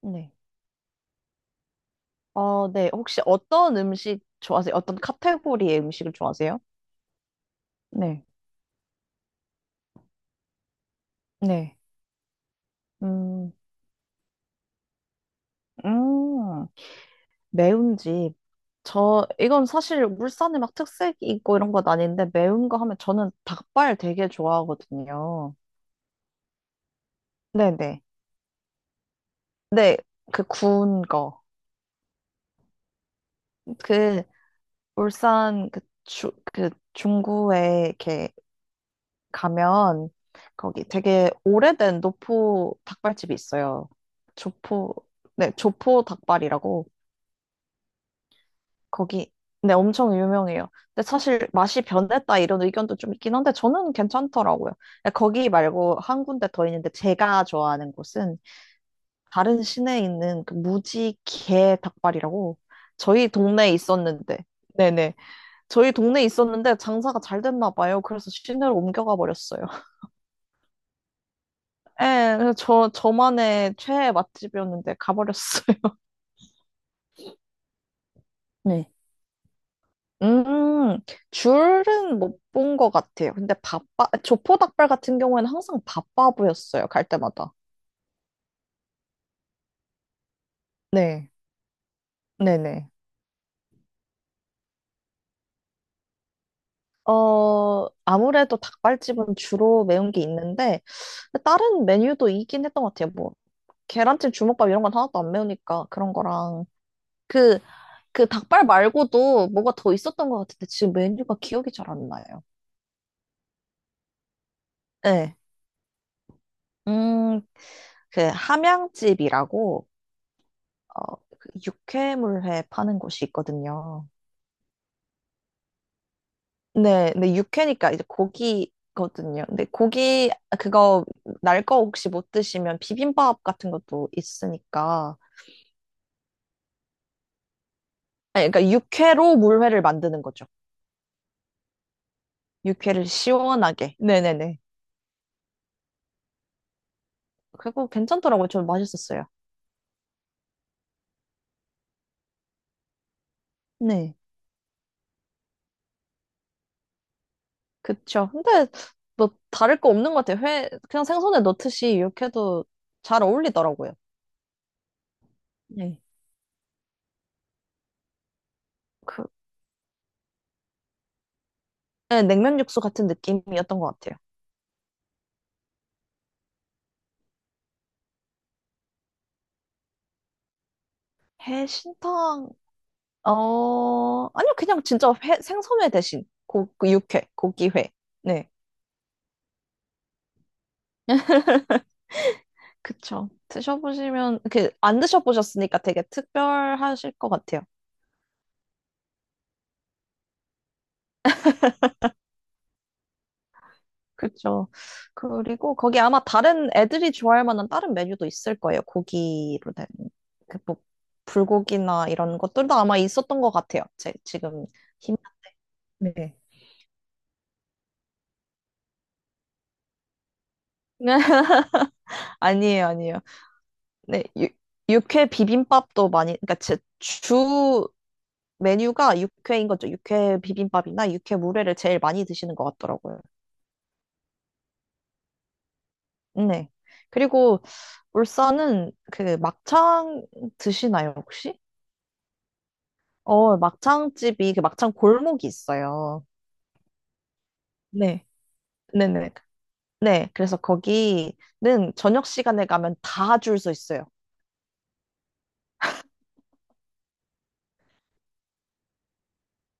네. 네. 혹시 어떤 음식 좋아하세요? 어떤 카테고리의 음식을 좋아하세요? 네. 네. 음, 음, 매운 집. 이건 사실 울산에 막 특색 있고 이런 건 아닌데, 매운 거 하면 저는 닭발 되게 좋아하거든요. 네네. 네. 그 구운 거. 그, 울산 그 그 중구에 이렇게 가면 거기 되게 오래된 노포 닭발집이 있어요. 조포, 네, 조포 닭발이라고 거기 네, 엄청 유명해요. 근데 사실 맛이 변했다 이런 의견도 좀 있긴 한데 저는 괜찮더라고요. 근데 거기 말고 한 군데 더 있는데 제가 좋아하는 곳은 다른 시내에 있는 그 무지개 닭발이라고 저희 동네에 있었는데 네네 저희 동네에 있었는데 장사가 잘 됐나 봐요. 그래서 시내로 옮겨가 버렸어요. 예, 그래서 저만의 최애 맛집이었는데 가버렸어요. 네. 음, 줄은 못 본 것 같아요. 근데 조포닭발 같은 경우에는 항상 바빠 보였어요. 갈 때마다. 네. 네네. 아무래도 닭발집은 주로 매운 게 있는데, 다른 메뉴도 있긴 했던 것 같아요. 뭐, 계란찜, 주먹밥 이런 건 하나도 안 매우니까 그런 거랑. 그, 그 닭발 말고도 뭐가 더 있었던 것 같은데, 지금 메뉴가 기억이 잘 안 나요. 네. 음, 그 함양집이라고 그 육회물회 파는 곳이 있거든요. 네, 근데 육회니까 이제 고기거든요. 근데 고기 그거 날 거 혹시 못 드시면 비빔밥 같은 것도 있으니까. 아니, 그러니까 육회로 물회를 만드는 거죠. 육회를 시원하게. 네네네. 그거 괜찮더라고요. 좀 맛있었어요. 네, 그쵸. 근데 뭐 다를 거 없는 것 같아요. 회 그냥 생선에 넣듯이 육회도 잘 어울리더라고요. 네. 그, 네, 냉면 육수 같은 느낌이었던 것 같아요. 해신탕, 아니요, 그냥 진짜 회, 생선회 대신 그 육회, 고기회. 네, 그쵸. 드셔보시면, 그렇게 안 드셔보셨으니까 되게 특별하실 것 같아요. 그쵸. 그리고 거기 아마 다른 애들이 좋아할 만한 다른 메뉴도 있을 거예요. 고기로 된, 뭐, 불고기나 이런 것들도 아마 있었던 것 같아요. 지금 힘, 네. 아니에요, 아니에요. 네, 육회 비빔밥도 많이, 그러니까 제 주 메뉴가 육회인 거죠. 육회 비빔밥이나 육회 물회를 제일 많이 드시는 것 같더라고요. 네. 그리고 울산은 그 막창 드시나요, 혹시? 막창집이 그 막창 골목이 있어요. 네. 네네. 네. 그래서 거기는 저녁 시간에 가면 다 줄 서 있어요.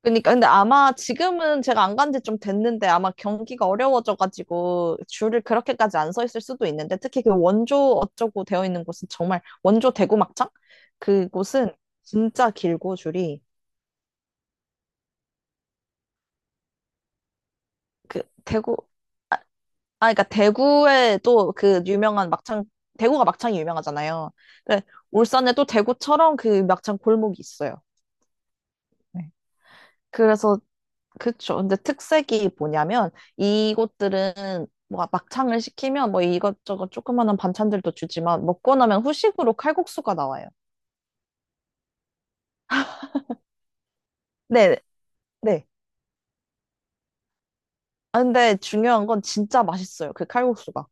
그러니까 근데 아마 지금은 제가 안 간지 좀 됐는데 아마 경기가 어려워져가지고 줄을 그렇게까지 안 서 있을 수도 있는데 특히 그 원조 어쩌고 되어 있는 곳은 정말 원조 대구 막창 그곳은 진짜 길고 줄이 그 대구 아 그러니까 대구에 또 그 유명한 막창 대구가 막창이 유명하잖아요. 근데 울산에 또 대구처럼 그 막창 골목이 있어요. 네. 그래서 그쵸. 근데 특색이 뭐냐면 이곳들은 뭐 막창을 시키면 뭐 이것저것 조그마한 반찬들도 주지만 먹고 나면 후식으로 칼국수가 나와요. 네, 네. 아, 근데 중요한 건 진짜 맛있어요. 그 칼국수가.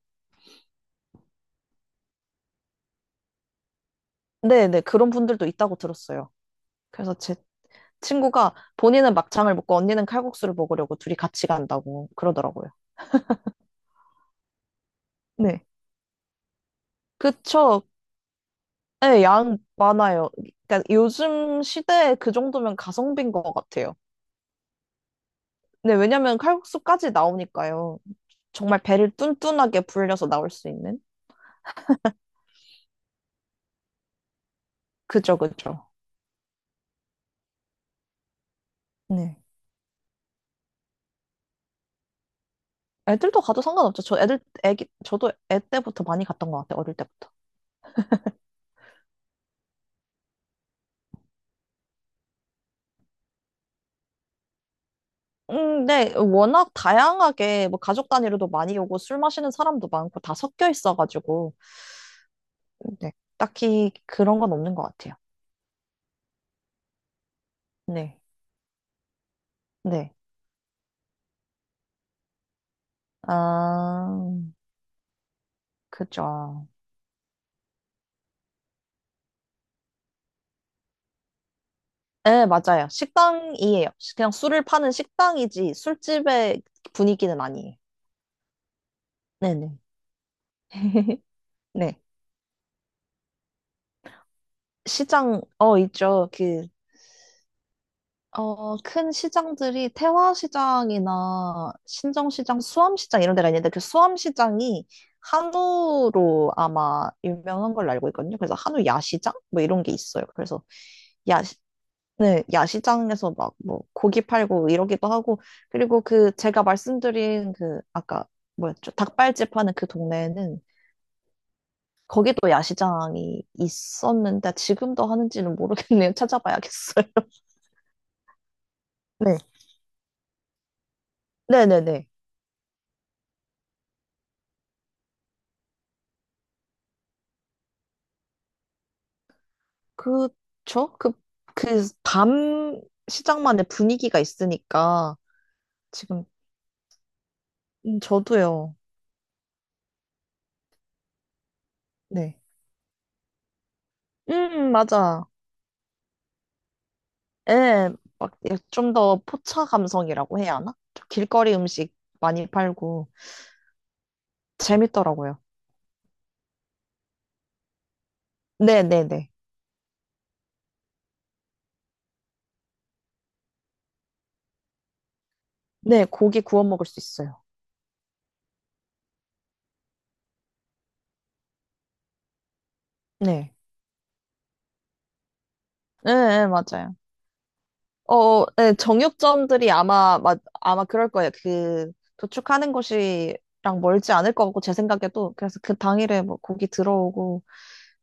네, 네. 그런 분들도 있다고 들었어요. 그래서 제 친구가 본인은 막창을 먹고 언니는 칼국수를 먹으려고 둘이 같이 간다고 그러더라고요. 네. 그쵸. 네, 양 많아요. 그러니까 요즘 시대에 그 정도면 가성비인 것 같아요. 네, 왜냐면 칼국수까지 나오니까요. 정말 배를 뚠뚠하게 불려서 나올 수 있는? 그죠, 그죠. 네. 애들도 가도 상관없죠. 저 애들, 애기, 저도 애 때부터 많이 갔던 것 같아요, 어릴 때부터. 네, 워낙 다양하게 뭐 가족 단위로도 많이 오고 술 마시는 사람도 많고 다 섞여 있어가지고, 네, 딱히 그런 건 없는 것 같아요. 네. 네. 아, 그죠. 네, 맞아요. 식당이에요. 그냥 술을 파는 식당이지 술집의 분위기는 아니에요. 네네. 네. 시장, 있죠. 큰 시장들이 태화시장이나 신정시장, 수암시장 이런 데가 있는데 그 수암시장이 한우로 아마 유명한 걸로 알고 있거든요. 그래서 한우 야시장? 뭐 이런 게 있어요. 그래서 야, 네, 야시장에서 막 뭐 고기 팔고 이러기도 하고 그리고 그 제가 말씀드린 그 아까 뭐였죠? 닭발집 하는 그 동네는 거기도 야시장이 있었는데 지금도 하는지는 모르겠네요. 찾아봐야겠어요. 네. 네네네. 그쵸? 밤 시장만의 분위기가 있으니까 지금, 저도요. 네. 맞아. 예, 막, 예, 좀더 포차 감성이라고 해야 하나? 좀 길거리 음식 많이 팔고 재밌더라고요. 네네네. 네, 고기 구워 먹을 수 있어요. 네. 예, 예, 맞아요. 네, 정육점들이 아마 그럴 거예요. 도축하는 곳이랑 멀지 않을 것 같고, 제 생각에도. 그래서 그 당일에 뭐 고기 들어오고,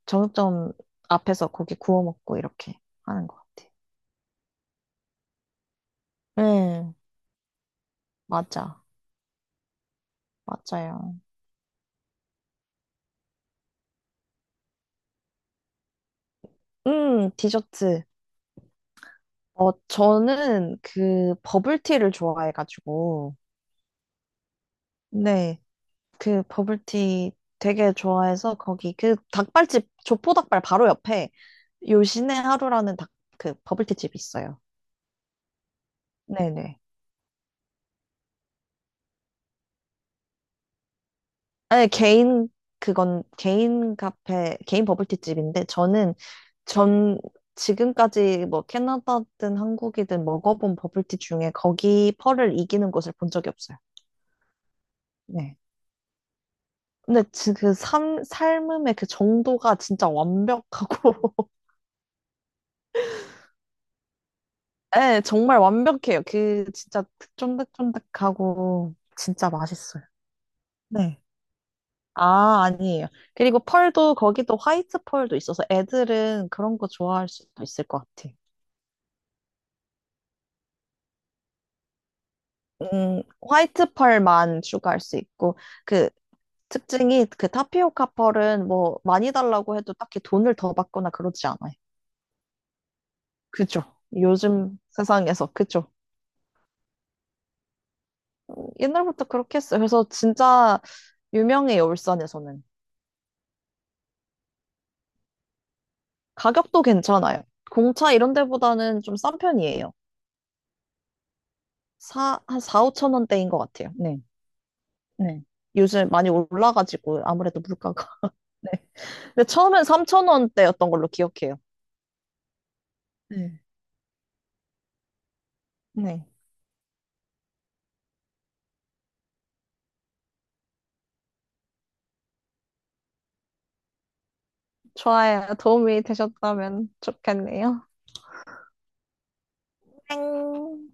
정육점 앞에서 고기 구워 먹고, 이렇게 하는 것 같아요. 네, 맞아. 맞아요. 디저트. 저는 그 버블티를 좋아해가지고, 네. 그 버블티 되게 좋아해서 거기 그 닭발집 조포 닭발 바로 옆에 요신의 하루라는 닭 그 버블티 집이 있어요. 네네. 아니 개인 그건 개인 카페 개인 버블티 집인데 저는 전 지금까지 뭐 캐나다든 한국이든 먹어본 버블티 중에 거기 펄을 이기는 곳을 본 적이 없어요. 네. 근데 그 삶음의 그 정도가 진짜 완벽하고 네, 정말 완벽해요. 그 진짜 쫀득쫀득하고 진짜 맛있어요. 네. 아, 아니에요. 그리고 펄도 거기도 화이트 펄도 있어서 애들은 그런 거 좋아할 수도 있을 것 같아요. 화이트 펄만 추가할 수 있고 그 특징이 그 타피오카 펄은 뭐 많이 달라고 해도 딱히 돈을 더 받거나 그러지 않아요. 그죠? 요즘 세상에서 그죠? 음, 옛날부터 그렇게 했어요. 그래서 진짜 유명해요, 울산에서는. 가격도 괜찮아요. 공차 이런 데보다는 좀 싼 편이에요. 한 4, 5천 원대인 것 같아요. 네, 네, 요즘 많이 올라가지고 아무래도 물가가. 네, 근데 처음엔 3천 원대였던 걸로 기억해요. 네. 네. 좋아요. 도움이 되셨다면 좋겠네요. 땡.